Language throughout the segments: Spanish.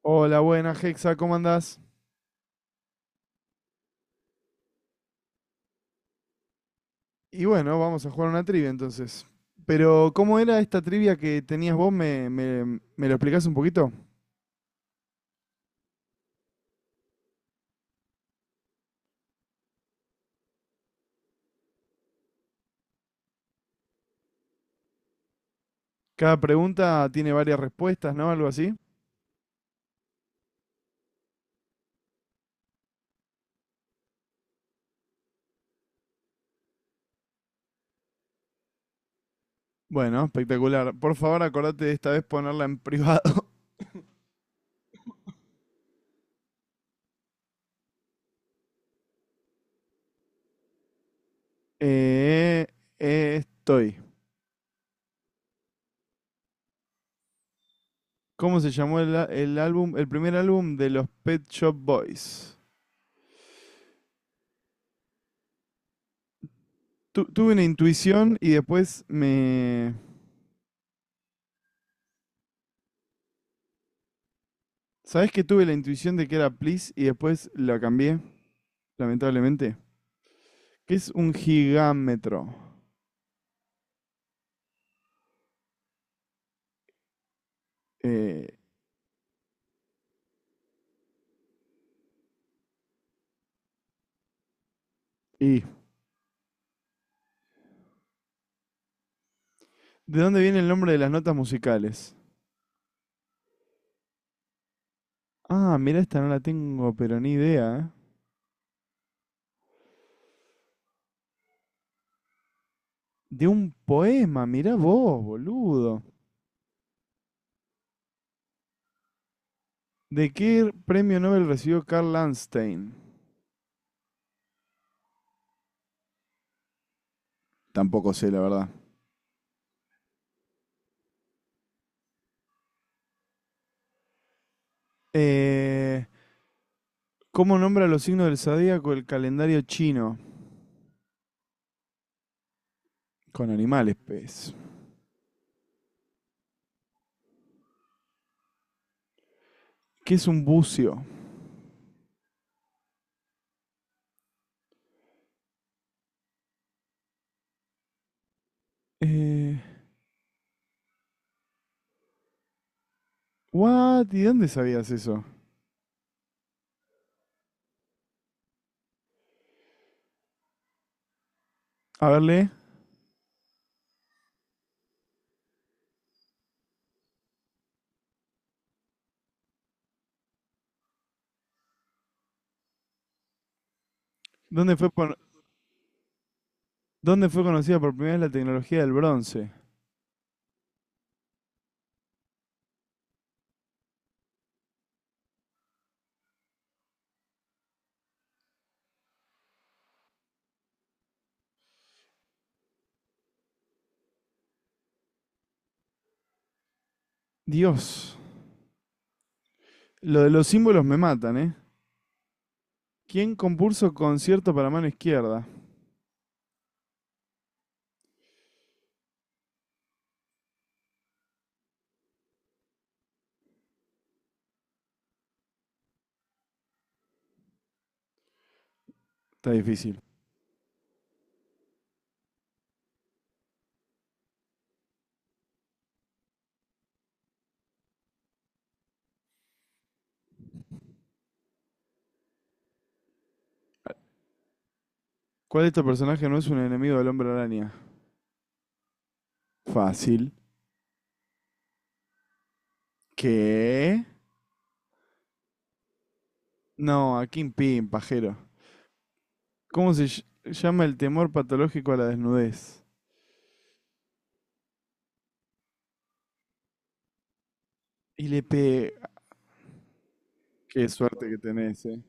Hola, buena Hexa, ¿cómo andás? Y bueno, vamos a jugar una trivia entonces. Pero, ¿cómo era esta trivia que tenías vos? ¿Me lo explicás un poquito? Cada pregunta tiene varias respuestas, ¿no? Algo así. Bueno, espectacular. Por favor, acordate de esta vez ponerla en privado. Eh, Estoy. ¿Cómo se llamó el álbum, el primer álbum de los Pet Shop Boys? Tuve una intuición y después me... ¿Sabés que tuve la intuición de que era Please y después la cambié lamentablemente? ¿Qué es un gigámetro? Eh, y ¿de dónde viene el nombre de las notas musicales? Ah, mira, esta no la tengo, pero ni idea, ¿eh? De un poema, mirá vos, boludo. ¿De qué premio Nobel recibió Carl Landstein? Tampoco sé, la verdad. Eh, ¿Cómo nombra los signos del zodíaco el calendario chino? Con animales, pez. ¿Qué es un bucio? Eh, ¿What? ¿Y dónde sabías eso? A verle. ¿Dónde fue, pon- ¿Dónde fue conocida por primera vez la tecnología del bronce? Dios, lo de los símbolos me matan, ¿eh? ¿Quién compuso concierto para mano izquierda? Está difícil. ¿Cuál de estos personajes no es un enemigo del hombre araña? Fácil. ¿Qué? No, a Kim Pim, pajero. ¿Cómo se llama el temor patológico a la desnudez? ILP. Qué suerte que tenés, ¿eh?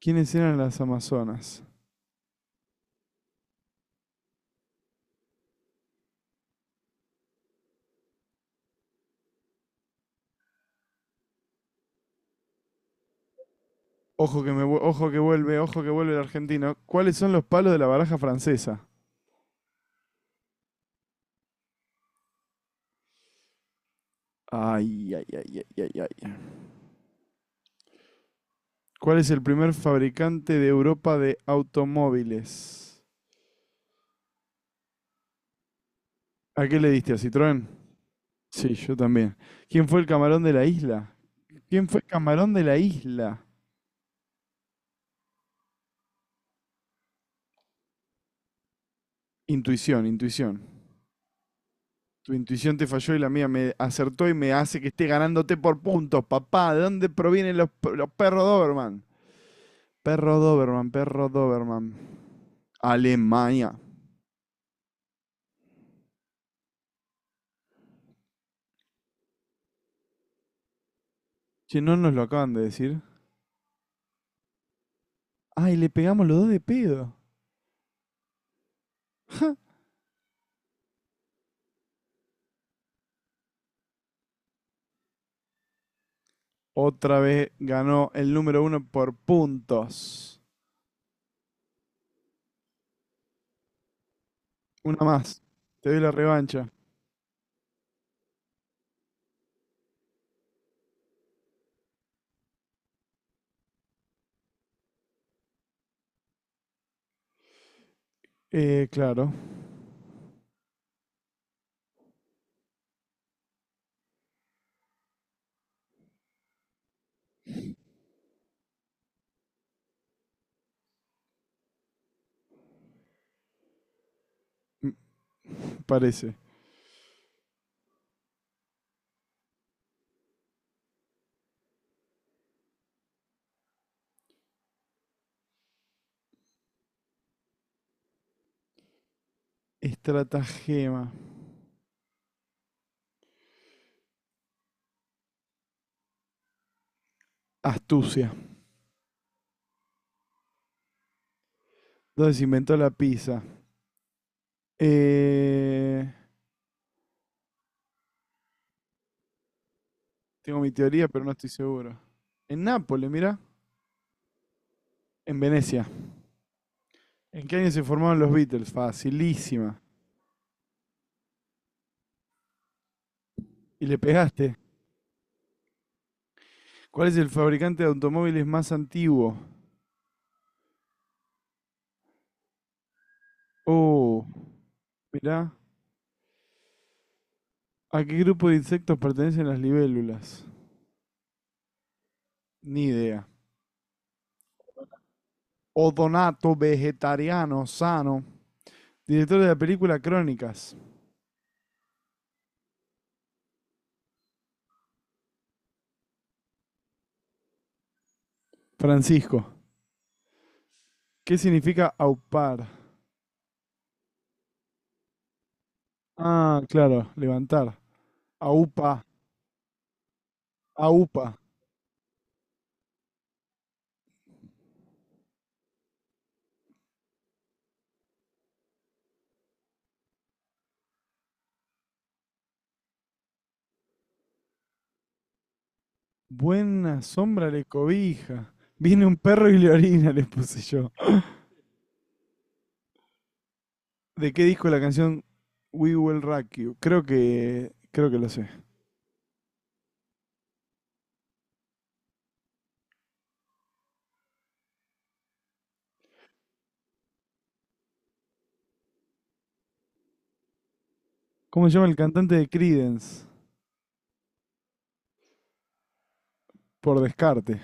¿Quiénes eran las Amazonas? Ojo que vuelve el argentino. ¿Cuáles son los palos de la baraja francesa? Ay, ay, ay, ay, ay, ay. ¿Cuál es el primer fabricante de Europa de automóviles? ¿A qué le diste? ¿A Citroën? Sí, yo también. ¿Quién fue el camarón de la isla? ¿Quién fue el camarón de la isla? Intuición, intuición. Tu intuición te falló y la mía me acertó y me hace que esté ganándote por puntos, papá. ¿De dónde provienen los perros Doberman? Perro Doberman, perro Doberman. Alemania. Si no nos lo acaban de decir. Ay, le pegamos los dos de pedo. Otra vez ganó el número uno por puntos. Una más. Te doy la revancha. Claro. M- Parece. Estratagema. Astucia. ¿Dónde se inventó la pizza? Eh, Tengo mi teoría, pero no estoy seguro. En Nápoles, mira. En Venecia. ¿En qué año se formaron los Beatles? Facilísima. Y le pegaste. ¿Cuál es el fabricante de automóviles más antiguo? Oh, mirá. ¿A qué grupo de insectos pertenecen las libélulas? Ni idea. Odonato, vegetariano, sano. Director de la película Crónicas. Francisco. ¿Qué significa aupar? Ah, claro, levantar. Aupa, aupa. Buena sombra le cobija. Viene un perro y le orina, le puse yo. ¿De qué disco la canción We Will Rock You? Creo que lo sé. ¿Cómo se llama el cantante de Creedence? Por descarte.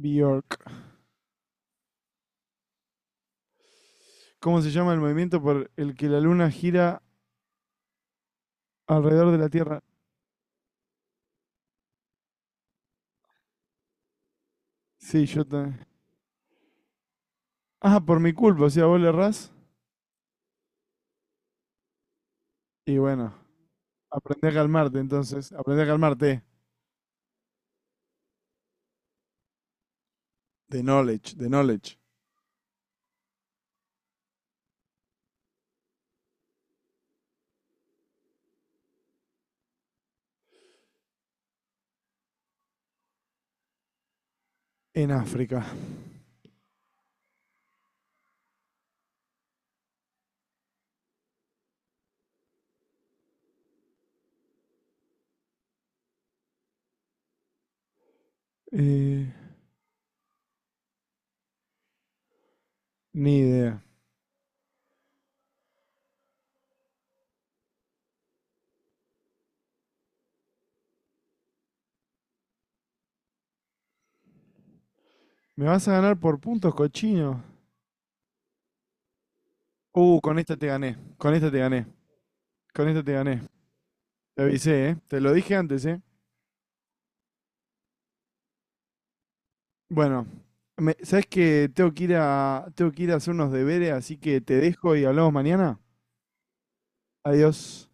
Bjork. ¿Cómo se llama el movimiento por el que la luna gira alrededor de la Tierra? Sí, yo también. Ah, por mi culpa, o sea, vos le errás. Y bueno, aprendí a calmarte entonces. Aprendí a calmarte. The knowledge, the knowledge. En África. Eh, Ni idea. ¿Me vas a ganar por puntos, cochino? Con esta te gané. Con esta te gané. Con esta te gané. Te avisé, ¿eh? Te lo dije antes, ¿eh? Bueno, ¿sabes que tengo que ir a hacer unos deberes, así que te dejo y hablamos mañana? Adiós.